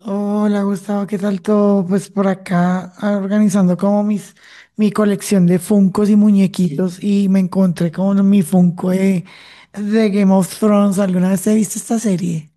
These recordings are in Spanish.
Hola Gustavo, ¿qué tal todo? Pues por acá organizando como mi colección de Funkos y muñequitos y me encontré con mi Funko de Game of Thrones. ¿Alguna vez he visto esta serie?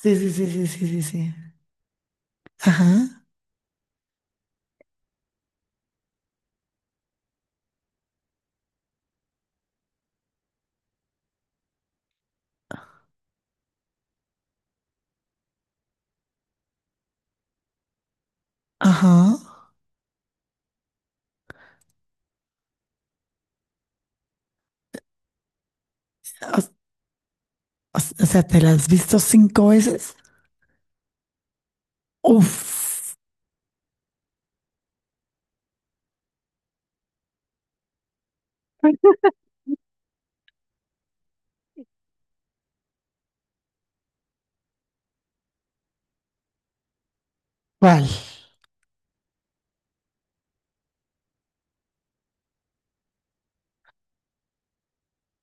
Sí, sí, sí, sí, sí, sí, sí. Ajá, ajá. O, o sea, ¿te la has visto cinco veces? Uf, ¿cuál?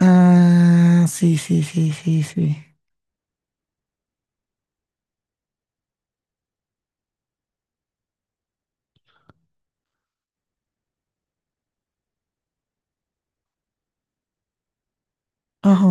Ah, sí, sí, sí, sí, sí. Ajá.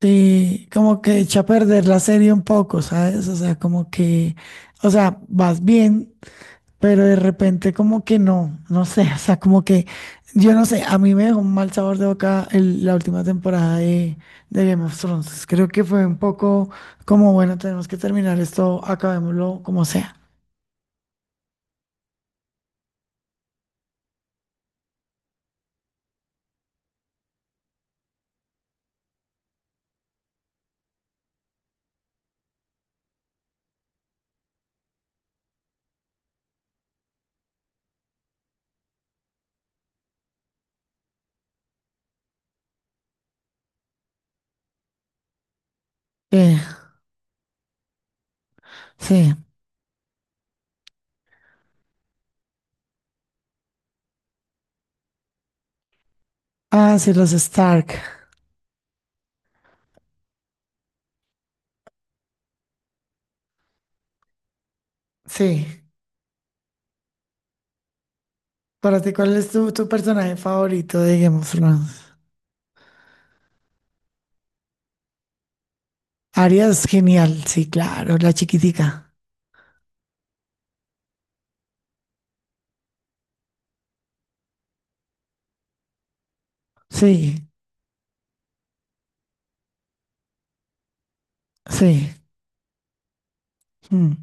Sí, como que echa a perder la serie un poco, ¿sabes? O sea, vas bien, pero de repente como que no, no sé, yo no sé, a mí me dejó un mal sabor de boca la última temporada de Game of Thrones. Creo que fue un poco como, bueno, tenemos que terminar esto, acabémoslo como sea. Sí, sí. Ah, sí, los Stark. Sí. Para ti, ¿cuál es tu personaje favorito de Game of Thrones? Arias, genial, sí, claro, la chiquitica. Sí, sí. Mm.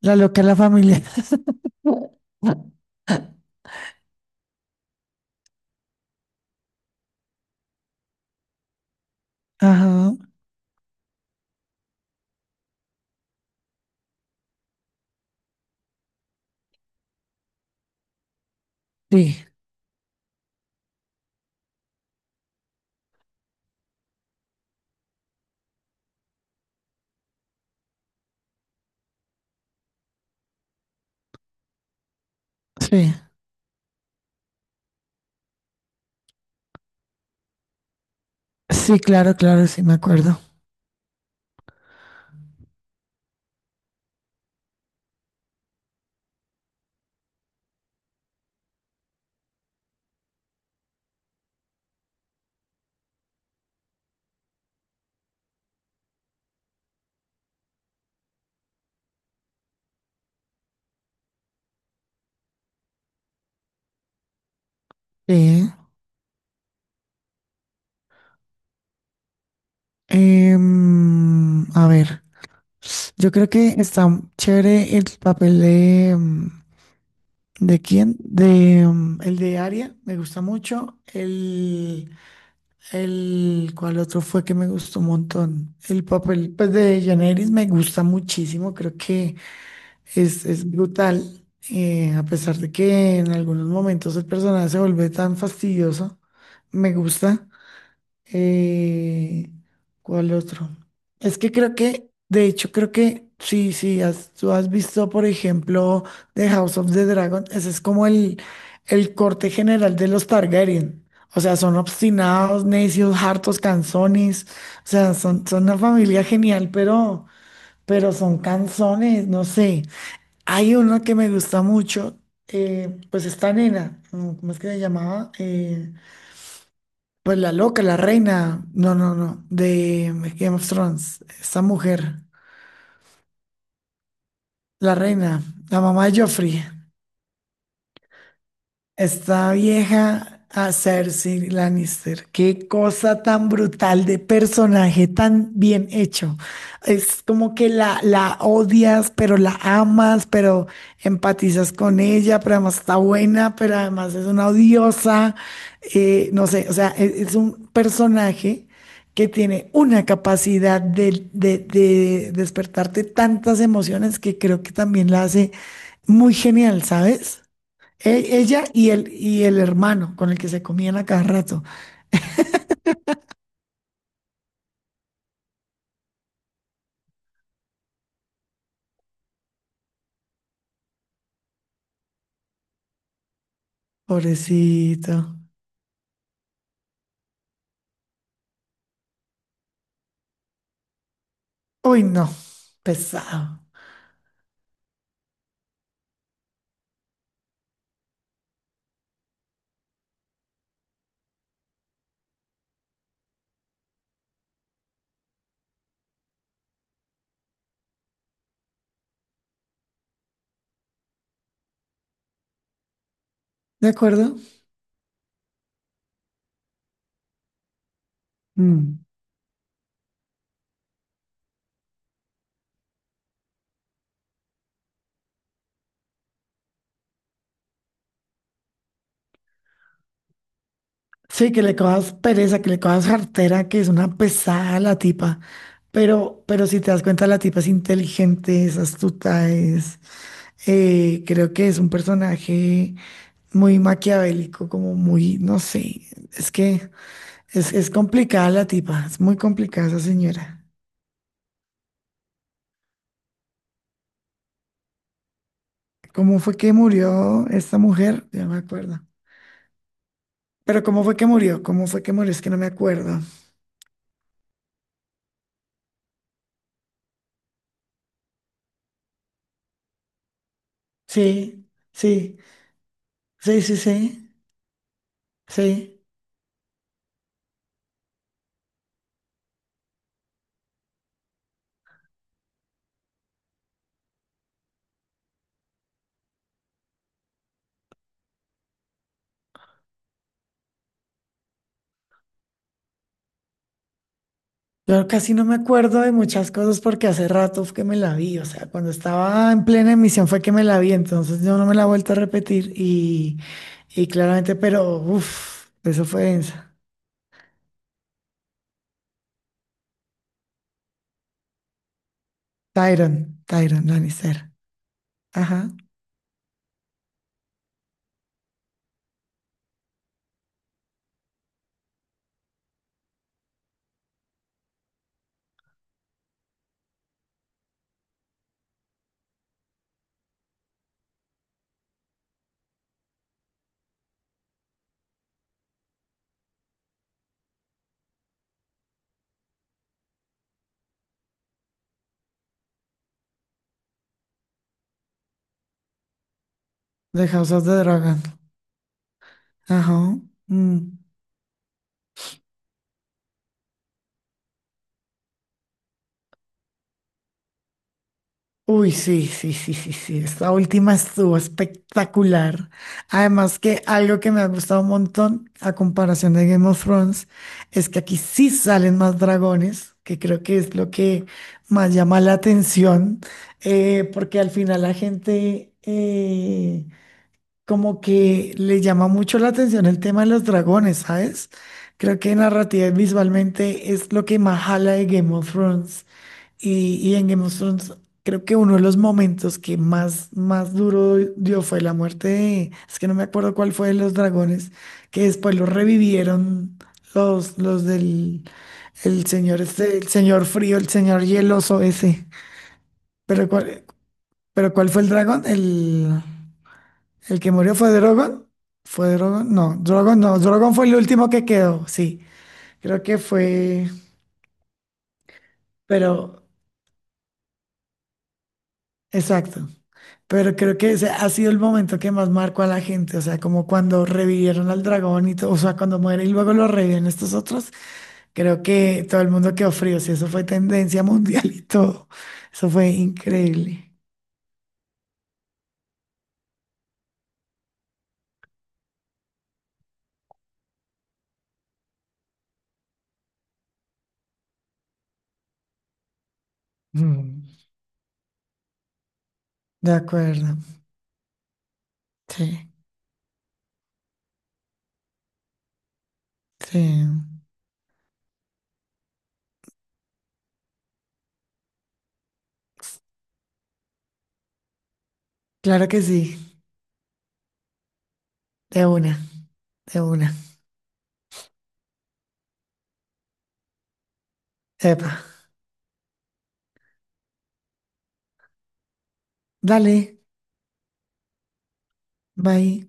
La loca de la familia. Ajá, sí, sí. Sí, claro, claro, sí, me acuerdo. Sí. A ver, yo creo que está chévere el papel de... ¿De quién? El de Aria, me gusta mucho. El cual otro fue que me gustó un montón. El papel pues, de Janeris me gusta muchísimo, creo que es brutal, a pesar de que en algunos momentos el personaje se vuelve tan fastidioso, me gusta. Eh, ¿Cuál otro? Es que creo que, de hecho, creo que sí, sí, tú has visto, por ejemplo, The House of the Dragon, ese es como el corte general de los Targaryen. O sea, son obstinados, necios, hartos, canzones. Son una familia genial, pero son canzones, no sé. Hay uno que me gusta mucho, pues esta nena, mm, ¿cómo es que se llamaba? Pues la loca, la reina, no, no, no, de Game of Thrones, esta mujer, la reina, la mamá de Joffrey. Esta vieja a Cersei Lannister. Qué cosa tan brutal de personaje, tan bien hecho. Es como que la odias, pero la amas, pero empatizas con ella, pero además está buena, pero además es una odiosa. No sé, o sea, es un personaje que tiene una capacidad de despertarte tantas emociones que creo que también la hace muy genial, ¿sabes? Ella y y el hermano con el que se comían a cada rato. Pobrecito. Uy, no. Pesado. ¿De acuerdo? Mm. Sí, que le cojas pereza, que le cojas jartera, que es una pesada la tipa. Pero si te das cuenta, la tipa es inteligente, es astuta, creo que es un personaje muy maquiavélico, como muy, no sé, es que es complicada la tipa, es muy complicada esa señora. ¿Cómo fue que murió esta mujer? Ya no me acuerdo. Pero ¿cómo fue que murió? ¿Cómo fue que murió? Es que no me acuerdo. Sí, sí, sí, sí, sí, sí. Yo casi no me acuerdo de muchas cosas porque hace rato fue que me la vi. O sea, cuando estaba en plena emisión fue que me la vi. Entonces yo no me la he vuelto a repetir. Y claramente, pero uff, eso fue densa. Tyron, Tyron Lannister. Ajá. De House of the Dragon. Ajá. Mm. Uy, sí, sí, sí, sí, sí, esta última estuvo espectacular. Además que algo que me ha gustado un montón a comparación de Game of Thrones es que aquí sí salen más dragones, que creo que es lo que más llama la atención, porque al final la gente como que le llama mucho la atención el tema de los dragones, ¿sabes? Creo que narrativa y visualmente es lo que más jala de Game of Thrones. Y en Game of Thrones, creo que uno de los momentos que más, más duro dio fue la muerte de, es que no me acuerdo cuál fue de los dragones, que después los revivieron los del el señor este, el señor frío, el señor hieloso ese. Pero cuál, pero cuál fue el dragón? El que murió fue Drogon. ¿Fue Drogon? No, Drogon no, Drogon fue el último que quedó, sí. Creo que fue, pero exacto. Pero creo que ese ha sido el momento que más marcó a la gente, o sea, como cuando revivieron al dragón y todo, o sea, cuando muere y luego lo reviven estos otros, creo que todo el mundo quedó frío, si eso fue tendencia mundial y todo, eso fue increíble. Mm, de acuerdo, sí, sí, claro que sí, de una, de una. Epa, dale, bye.